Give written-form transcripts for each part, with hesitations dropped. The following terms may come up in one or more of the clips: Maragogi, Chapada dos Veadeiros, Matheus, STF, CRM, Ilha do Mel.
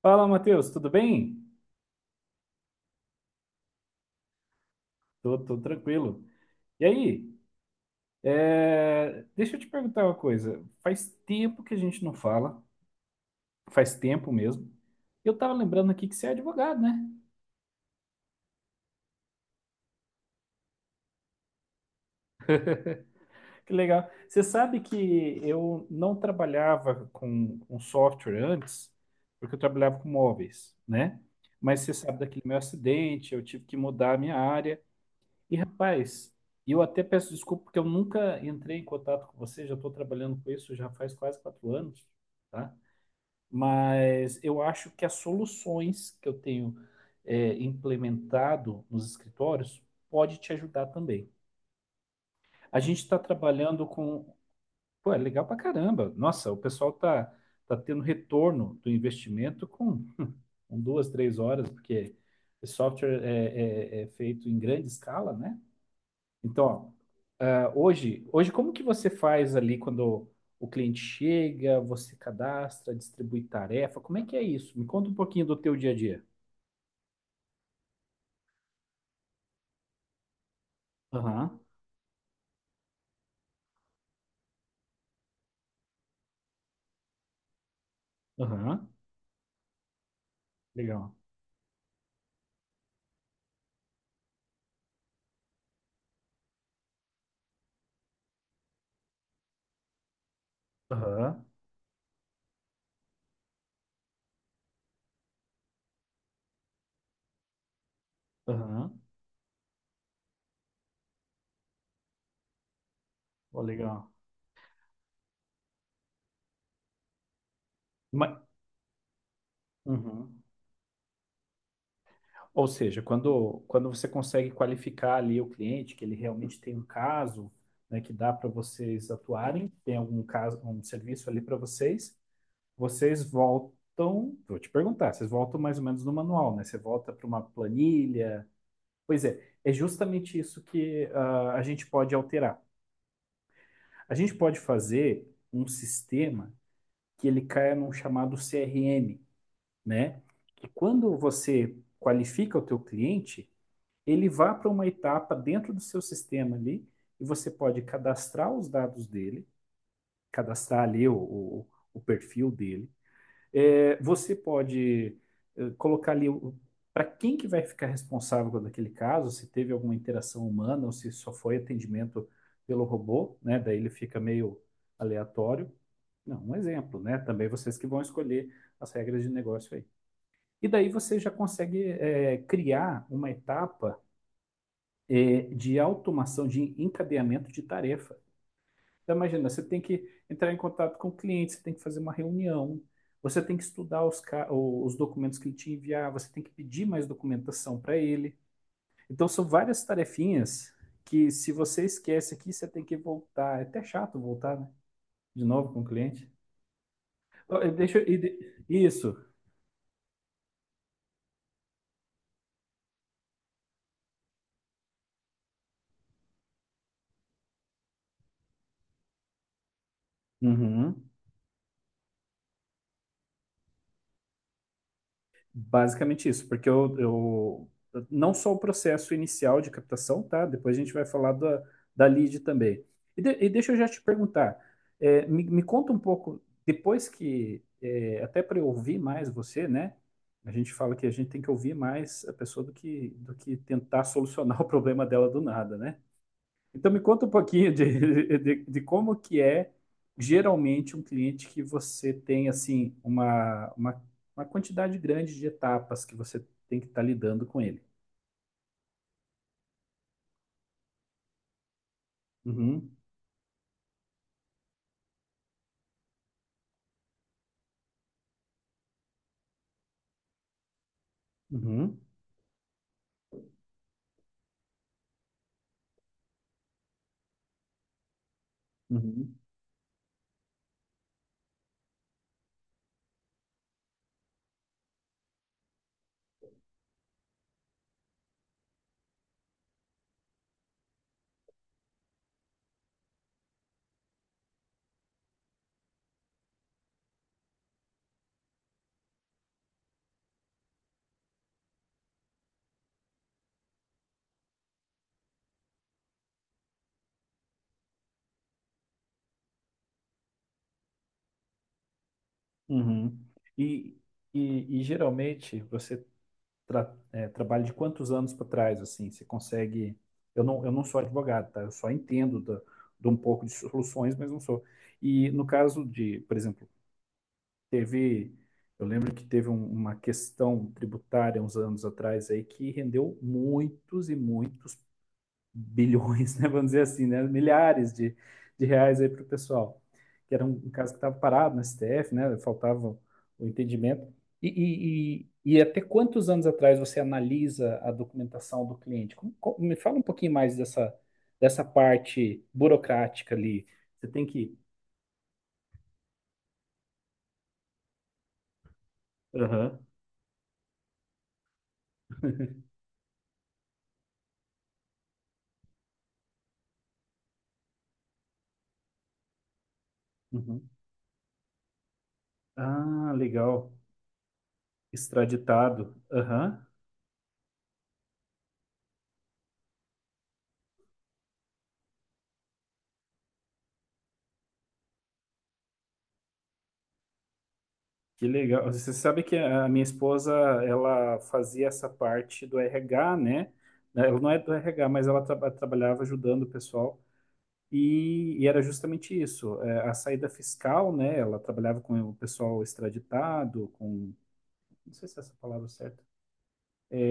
Fala, Matheus, tudo bem? Tô tranquilo. E aí, deixa eu te perguntar uma coisa. Faz tempo que a gente não fala, faz tempo mesmo. Eu tava lembrando aqui que você é advogado, né? Que legal. Você sabe que eu não trabalhava com software antes, porque eu trabalhava com móveis, né? Mas você sabe daquele meu acidente, eu tive que mudar a minha área. E rapaz, eu até peço desculpa porque eu nunca entrei em contato com você, já estou trabalhando com isso já faz quase 4 anos, tá? Mas eu acho que as soluções que eu tenho implementado nos escritórios pode te ajudar também. A gente está trabalhando com, pô, é legal pra caramba. Nossa, o pessoal tá tendo retorno do investimento com, com duas, três horas, porque esse software é feito em grande escala, né? Então, ó, hoje como que você faz ali quando o cliente chega, você cadastra, distribui tarefa? Como é que é isso? Me conta um pouquinho do teu dia a dia. Aham, aham, legal. Aham, aham, ó, legal. Ma- uhum. Ou seja, quando você consegue qualificar ali o cliente, que ele realmente tem um caso, né, que dá para vocês atuarem, tem algum caso, um serviço ali para vocês, vocês voltam, vou te perguntar, vocês voltam mais ou menos no manual, né? Você volta para uma planilha. Pois é, é justamente isso que a gente pode alterar. A gente pode fazer um sistema que ele caia num chamado CRM, né? Que quando você qualifica o teu cliente, ele vá para uma etapa dentro do seu sistema ali e você pode cadastrar os dados dele, cadastrar ali o o perfil dele. É, você pode colocar ali para quem que vai ficar responsável por aquele caso, se teve alguma interação humana ou se só foi atendimento pelo robô, né? Daí ele fica meio aleatório. Não, um exemplo, né? Também vocês que vão escolher as regras de negócio aí. E daí você já consegue criar uma etapa de automação, de encadeamento de tarefa. Então, imagina, você tem que entrar em contato com o cliente, você tem que fazer uma reunião, você tem que estudar os documentos que ele te enviar, você tem que pedir mais documentação para ele. Então, são várias tarefinhas que, se você esquece aqui, você tem que voltar. É até chato voltar, né? De novo com o cliente. Ó, eu- Deixa eu- e de- Isso. Uhum. Basicamente isso, porque eu não só o processo inicial de captação, tá? Depois a gente vai falar da lead também. E deixa eu já te perguntar, me conta um pouco, depois que, até para eu ouvir mais você, né? A gente fala que a gente tem que ouvir mais a pessoa do que tentar solucionar o problema dela do nada, né? Então me conta um pouquinho de como que é geralmente um cliente que você tem assim uma quantidade grande de etapas que você tem que estar lidando com ele. Uhum, uhum, uhum, uhum. E, e geralmente você trabalha de quantos anos para trás assim? Você consegue? Eu não sou advogado, tá? Eu só entendo de um pouco de soluções, mas não sou. E no caso de, por exemplo. Teve, eu lembro que teve uma questão tributária uns anos atrás aí que rendeu muitos e muitos bilhões, né? Vamos dizer assim, né? Milhares de reais aí para o pessoal, que era um, um caso que estava parado no STF, né? Faltava o entendimento. E, e, e até quantos anos atrás você analisa a documentação do cliente? Me fala um pouquinho mais dessa, dessa parte burocrática ali. Você tem que. Aham. Uhum. Ah, legal. Extraditado. Aham. Que legal. Você sabe que a minha esposa, ela fazia essa parte do RH, né? Ela não é do RH, mas ela trabalhava ajudando o pessoal. E era justamente isso, a saída fiscal, né? Ela trabalhava com o pessoal extraditado, com... Não sei se é essa a palavra certa.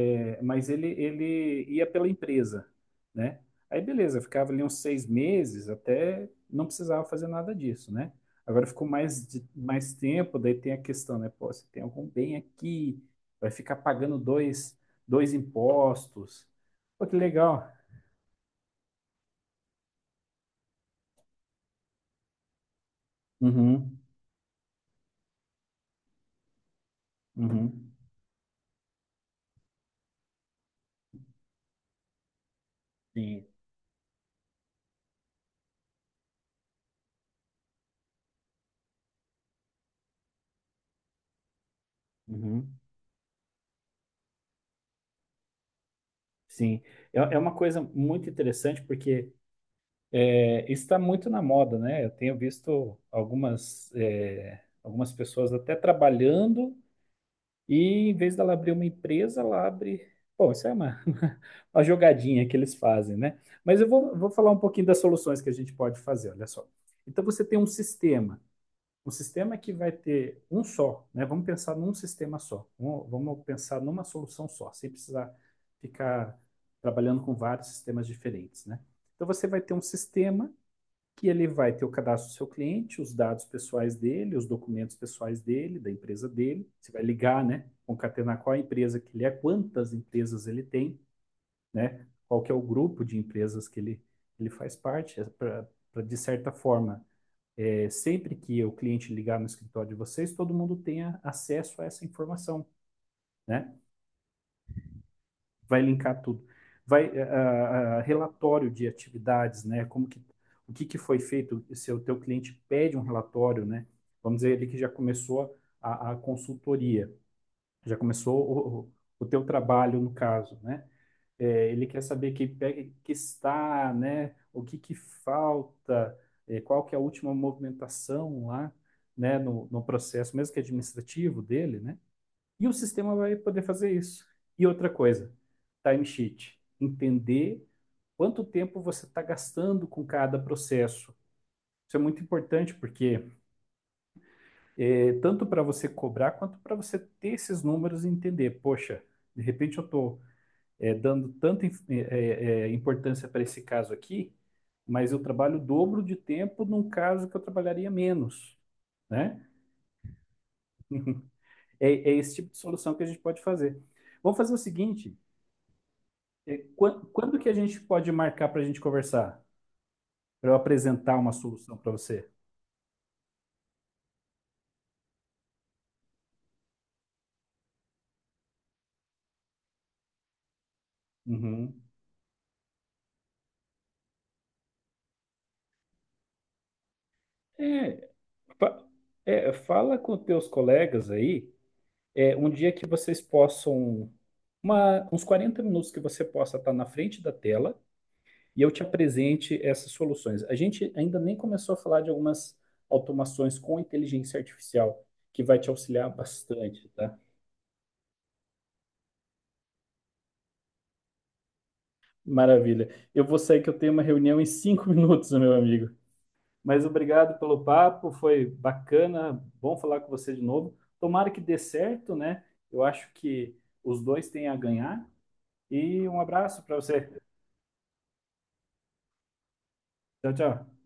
É, mas ele ia pela empresa, né? Aí beleza, ficava ali uns 6 meses até não precisava fazer nada disso, né? Agora ficou mais, mais tempo, daí tem a questão, né? Pô, se tem algum bem aqui, vai ficar pagando dois impostos. Pô, que legal. Uhum, uhum. Sim, uhum, sim. É, é uma coisa muito interessante porque é, isso está muito na moda, né? Eu tenho visto algumas, algumas pessoas até trabalhando e em vez dela abrir uma empresa, ela abre. Bom, isso é uma, uma jogadinha que eles fazem, né? Mas eu vou falar um pouquinho das soluções que a gente pode fazer, olha só. Então você tem um sistema que vai ter um só, né? Vamos pensar num sistema só, vamos pensar numa solução só, sem precisar ficar trabalhando com vários sistemas diferentes, né? Então você vai ter um sistema que ele vai ter o cadastro do seu cliente, os dados pessoais dele, os documentos pessoais dele, da empresa dele. Você vai ligar, né? Concatenar qual a empresa que ele é, quantas empresas ele tem, né? Qual que é o grupo de empresas que ele faz parte, para, de certa forma, sempre que o cliente ligar no escritório de vocês, todo mundo tenha acesso a essa informação, né? Vai linkar tudo. Vai relatório de atividades, né? Como que o que que foi feito? Se o teu cliente pede um relatório, né? Vamos dizer ali que já começou a consultoria, já começou o teu trabalho no caso, né? É, ele quer saber que pega que está, né? O que que falta? Qual que é a última movimentação lá, né? No processo, mesmo que administrativo dele, né? E o sistema vai poder fazer isso. E outra coisa, timesheet. Entender quanto tempo você está gastando com cada processo. Isso é muito importante porque tanto para você cobrar quanto para você ter esses números e entender, poxa, de repente eu estou dando tanta importância para esse caso aqui, mas eu trabalho o dobro de tempo num caso que eu trabalharia menos, né? É, é esse tipo de solução que a gente pode fazer. Vamos fazer o seguinte, é, quando que a gente pode marcar para a gente conversar? Para eu apresentar uma solução para você? Uhum. É, fa- fala com teus colegas aí, é, um dia que vocês possam, uns 40 minutos que você possa estar na frente da tela e eu te apresente essas soluções. A gente ainda nem começou a falar de algumas automações com inteligência artificial, que vai te auxiliar bastante, tá? Maravilha. Eu vou sair que eu tenho uma reunião em 5 minutos, meu amigo. Mas obrigado pelo papo, foi bacana, bom falar com você de novo. Tomara que dê certo, né? Eu acho que os dois têm a ganhar. E um abraço para você. Tchau, tchau.